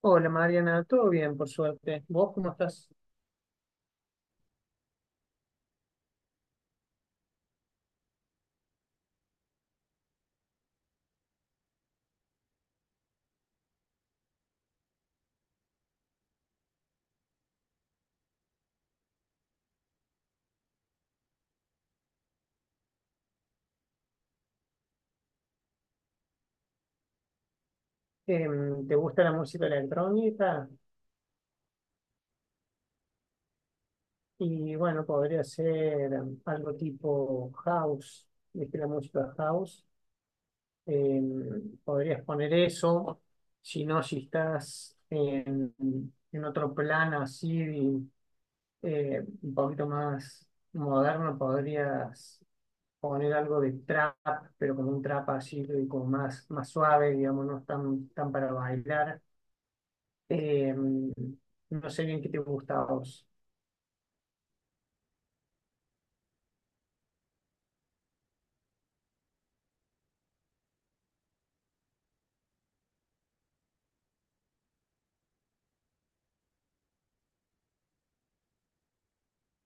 Hola Mariana, todo bien por suerte. ¿Vos cómo estás? ¿Te gusta la música electrónica? Y bueno, podría ser algo tipo house, ¿viste la música house? Podrías poner eso. Si no, si estás en otro plano así, un poquito más moderno, podrías poner algo de trap, pero con un trap así, como más, más suave, digamos, no es tan, tan para bailar. Eh, no sé bien qué te gusta a vos.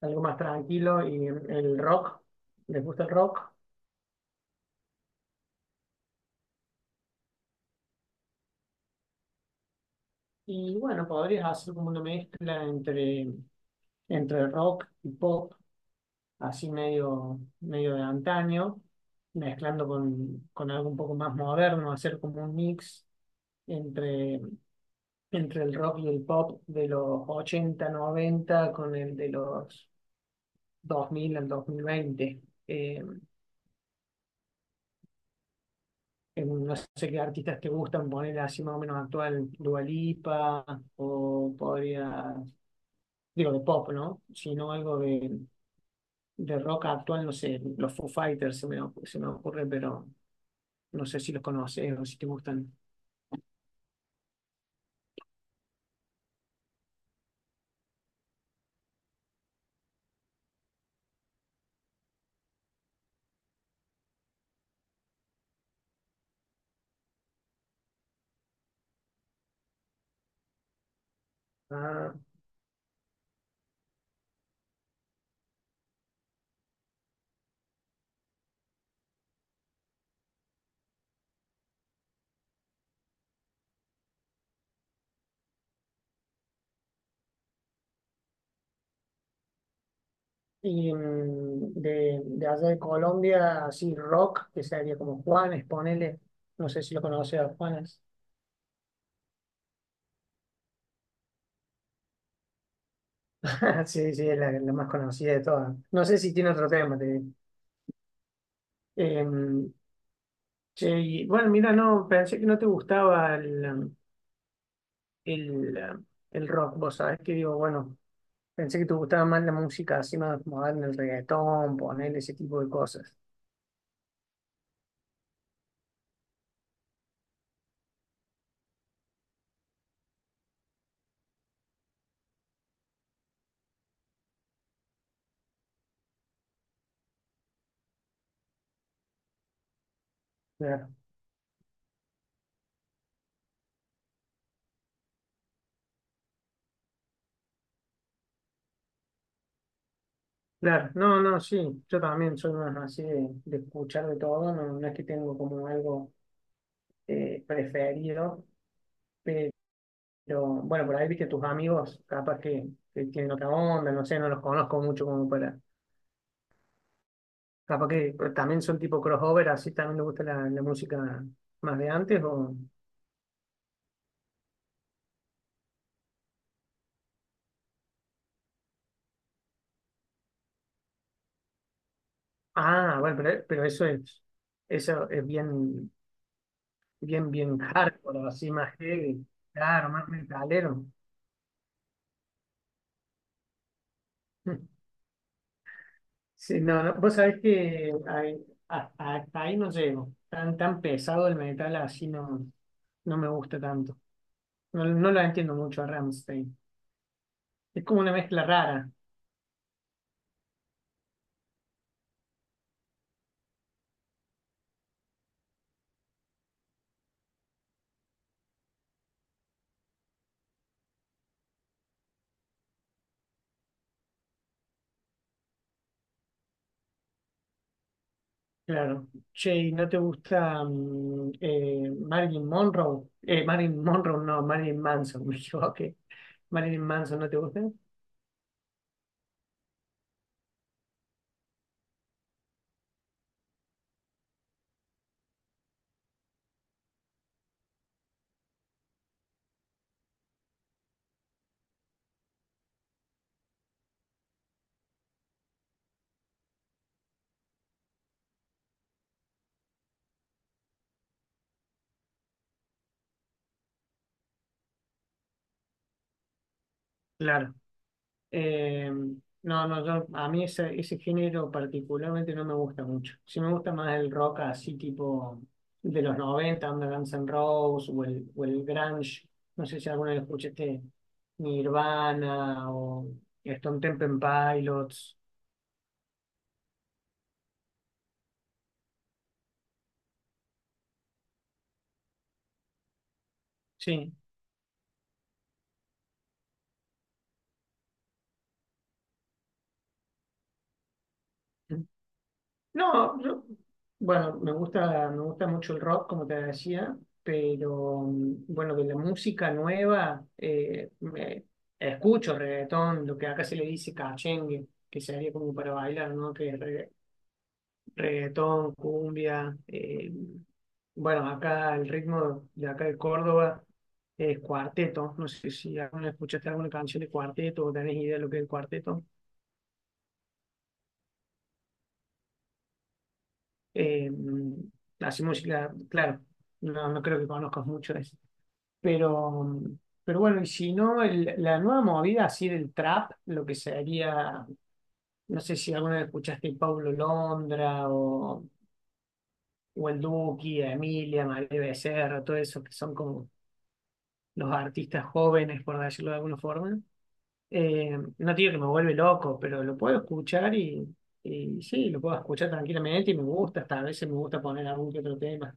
Algo más tranquilo y el rock. ¿Les gusta el rock? Y bueno, podrías hacer como una mezcla entre rock y pop, así medio, medio de antaño, mezclando con algo un poco más moderno, hacer como un mix entre, entre el rock y el pop de los 80 90 con el de los 2000 al 2020. Eh, no sé qué artistas te gustan poner así más o menos actual, Dua Lipa, o digo de pop, ¿no? Sino algo de rock actual, no sé, los Foo Fighters se me ocurre, pero no sé si los conoces o si te gustan. Ah, y de allá de Colombia, así rock, que sería como Juanes, ponele. No sé si lo conoces a Juanes. Sí, sí, es la, la más conocida de todas. No sé si tiene otro tema, te digo. Eh, Che, y bueno, mira, no, pensé que no te gustaba el, um, el rock, vos sabés que digo, bueno, pensé que te gustaba más la música así más moderna, el reggaetón, poner ese tipo de cosas. Claro, claro, no, no, sí, yo también soy más así de escuchar de todo, no, no es que tengo como algo preferido, pero bueno, por ahí viste tus amigos, capaz que tienen otra onda, no sé, no los conozco mucho como para... Capaz que pero también son tipo crossover, así también le gusta la, la música más de antes o... Ah, bueno, pero eso es bien, bien, bien hardcore, así más heavy, claro, más metalero. Sí, no, no, vos sabés que hasta ahí no llego. Tan, tan pesado el metal así no, no me gusta tanto. No, no lo entiendo mucho a Rammstein. Es como una mezcla rara. Claro. Che, ¿y no te gusta Marilyn Monroe? Marilyn Monroe, no, Marilyn Manson, me equivoqué. ¿Marilyn Manson no te gusta? Claro. Eh, no, no, yo, a mí ese género particularmente no me gusta mucho. Sí me gusta más el rock así tipo de los 90, onda Guns N' Roses o el grunge. No sé si alguna vez escuchaste Nirvana o Stone Temple Pilots. Sí. No, yo, bueno, me gusta mucho el rock, como te decía, pero bueno, de la música nueva, escucho reggaetón, lo que acá se le dice cachengue, que sería como para bailar, ¿no? Que es reggaetón, cumbia, bueno, acá el ritmo de acá de Córdoba es cuarteto, no sé si alguna escuchaste alguna canción de cuarteto o tenés idea de lo que es el cuarteto. Eh, Así música, claro, no, no creo que conozcas mucho de eso. Pero, pero bueno, y si no, la nueva movida así del trap, lo que sería, no sé si alguna vez escuchaste Paulo Londra o el Duki, a Emilia, María Becerra, todo eso, que son como los artistas jóvenes, por decirlo de alguna forma. No digo que me vuelve loco, pero lo puedo escuchar y sí, lo puedo escuchar tranquilamente y me gusta, hasta a veces me gusta poner algún que otro tema.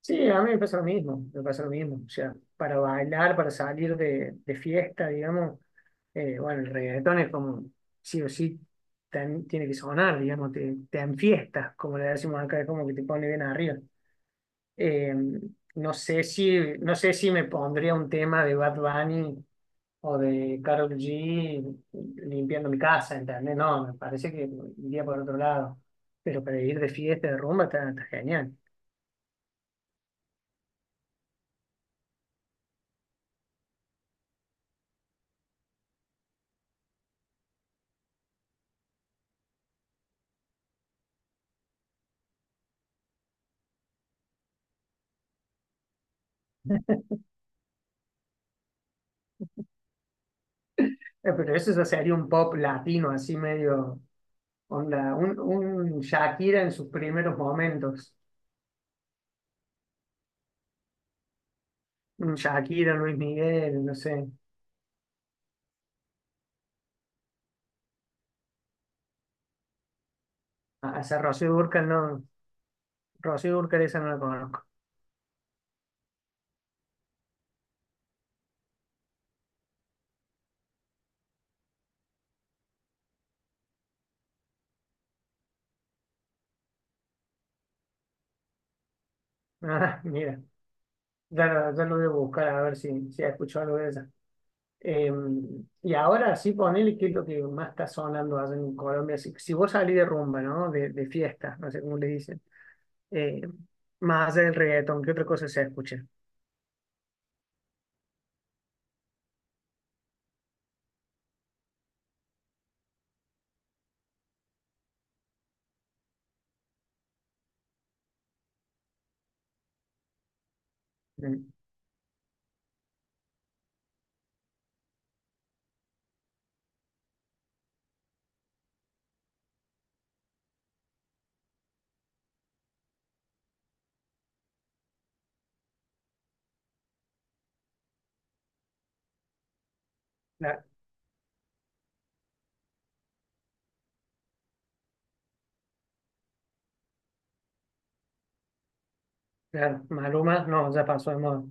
Sí, a mí me pasa lo mismo, me pasa lo mismo. O sea, para bailar, para salir de fiesta, digamos, bueno, el reggaetón es como, sí o sí, tiene que sonar, digamos, te enfiestas, como le decimos acá, es como que te pone bien arriba. Eh, no sé si, no sé si me pondría un tema de Bad Bunny o de Karol G limpiando mi casa, ¿entendés? No, me parece que iría por otro lado. Pero para ir de fiesta, de rumba, está, está genial. Pero eso ya sería un pop latino, así medio onda, un Shakira en sus primeros momentos. Un Shakira, Luis Miguel, no sé. A esa Rocío Dúrcal no. Rocío Dúrcal esa no la conozco. Ah, mira. Ya lo voy a buscar a ver si ha escuchado algo de ella. Eh, y ahora sí, ponele qué es lo que más está sonando allá en Colombia. Si vos salís de rumba, ¿no? De fiesta, no sé cómo le dicen. Eh, Más allá del reggaetón, ¿qué otra cosa se escucha? Mm, la- Claro, Maluma, no, ya pasó de moda.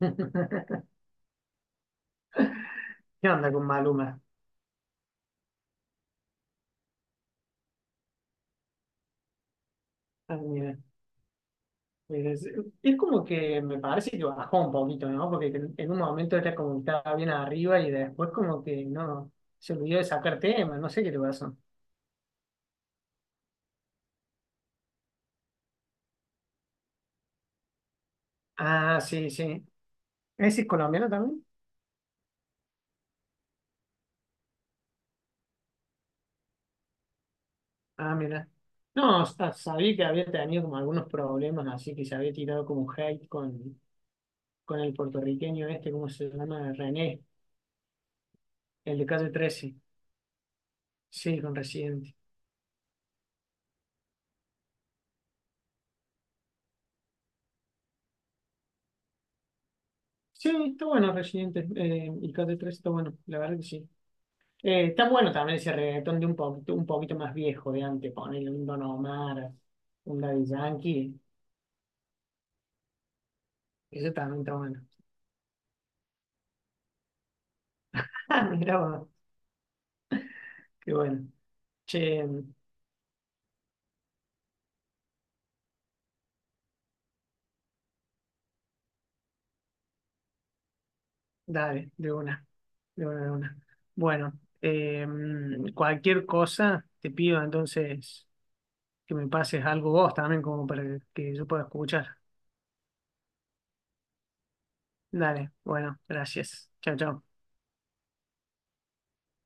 ¿Qué onda con Maluma? Ah, mira, es, es como que me parece que bajó un poquito, ¿no? Porque en un momento era como que estaba bien arriba y después como que no, se olvidó de sacar tema, no sé qué le pasó. Ah, sí, sí. ¿Ese es colombiano también? Ah, mira. No, sabía que había tenido como algunos problemas, así que se había tirado como un hate con el puertorriqueño este, ¿cómo se llama? René, el de Calle Trece. Sí, con Residente. Sí, está bueno Residente, y Calle Trece está bueno, la verdad que sí. Está bueno también ese reggaetón de un poquito más viejo de antes, ponerle un Don Omar, un Daddy Yankee, eso también está bueno. Ah, mira, qué bueno. Che. Dale, de una, de una, de una. Bueno, cualquier cosa te pido entonces que me pases algo vos también como para que yo pueda escuchar. Dale, bueno, gracias. Chao, chao.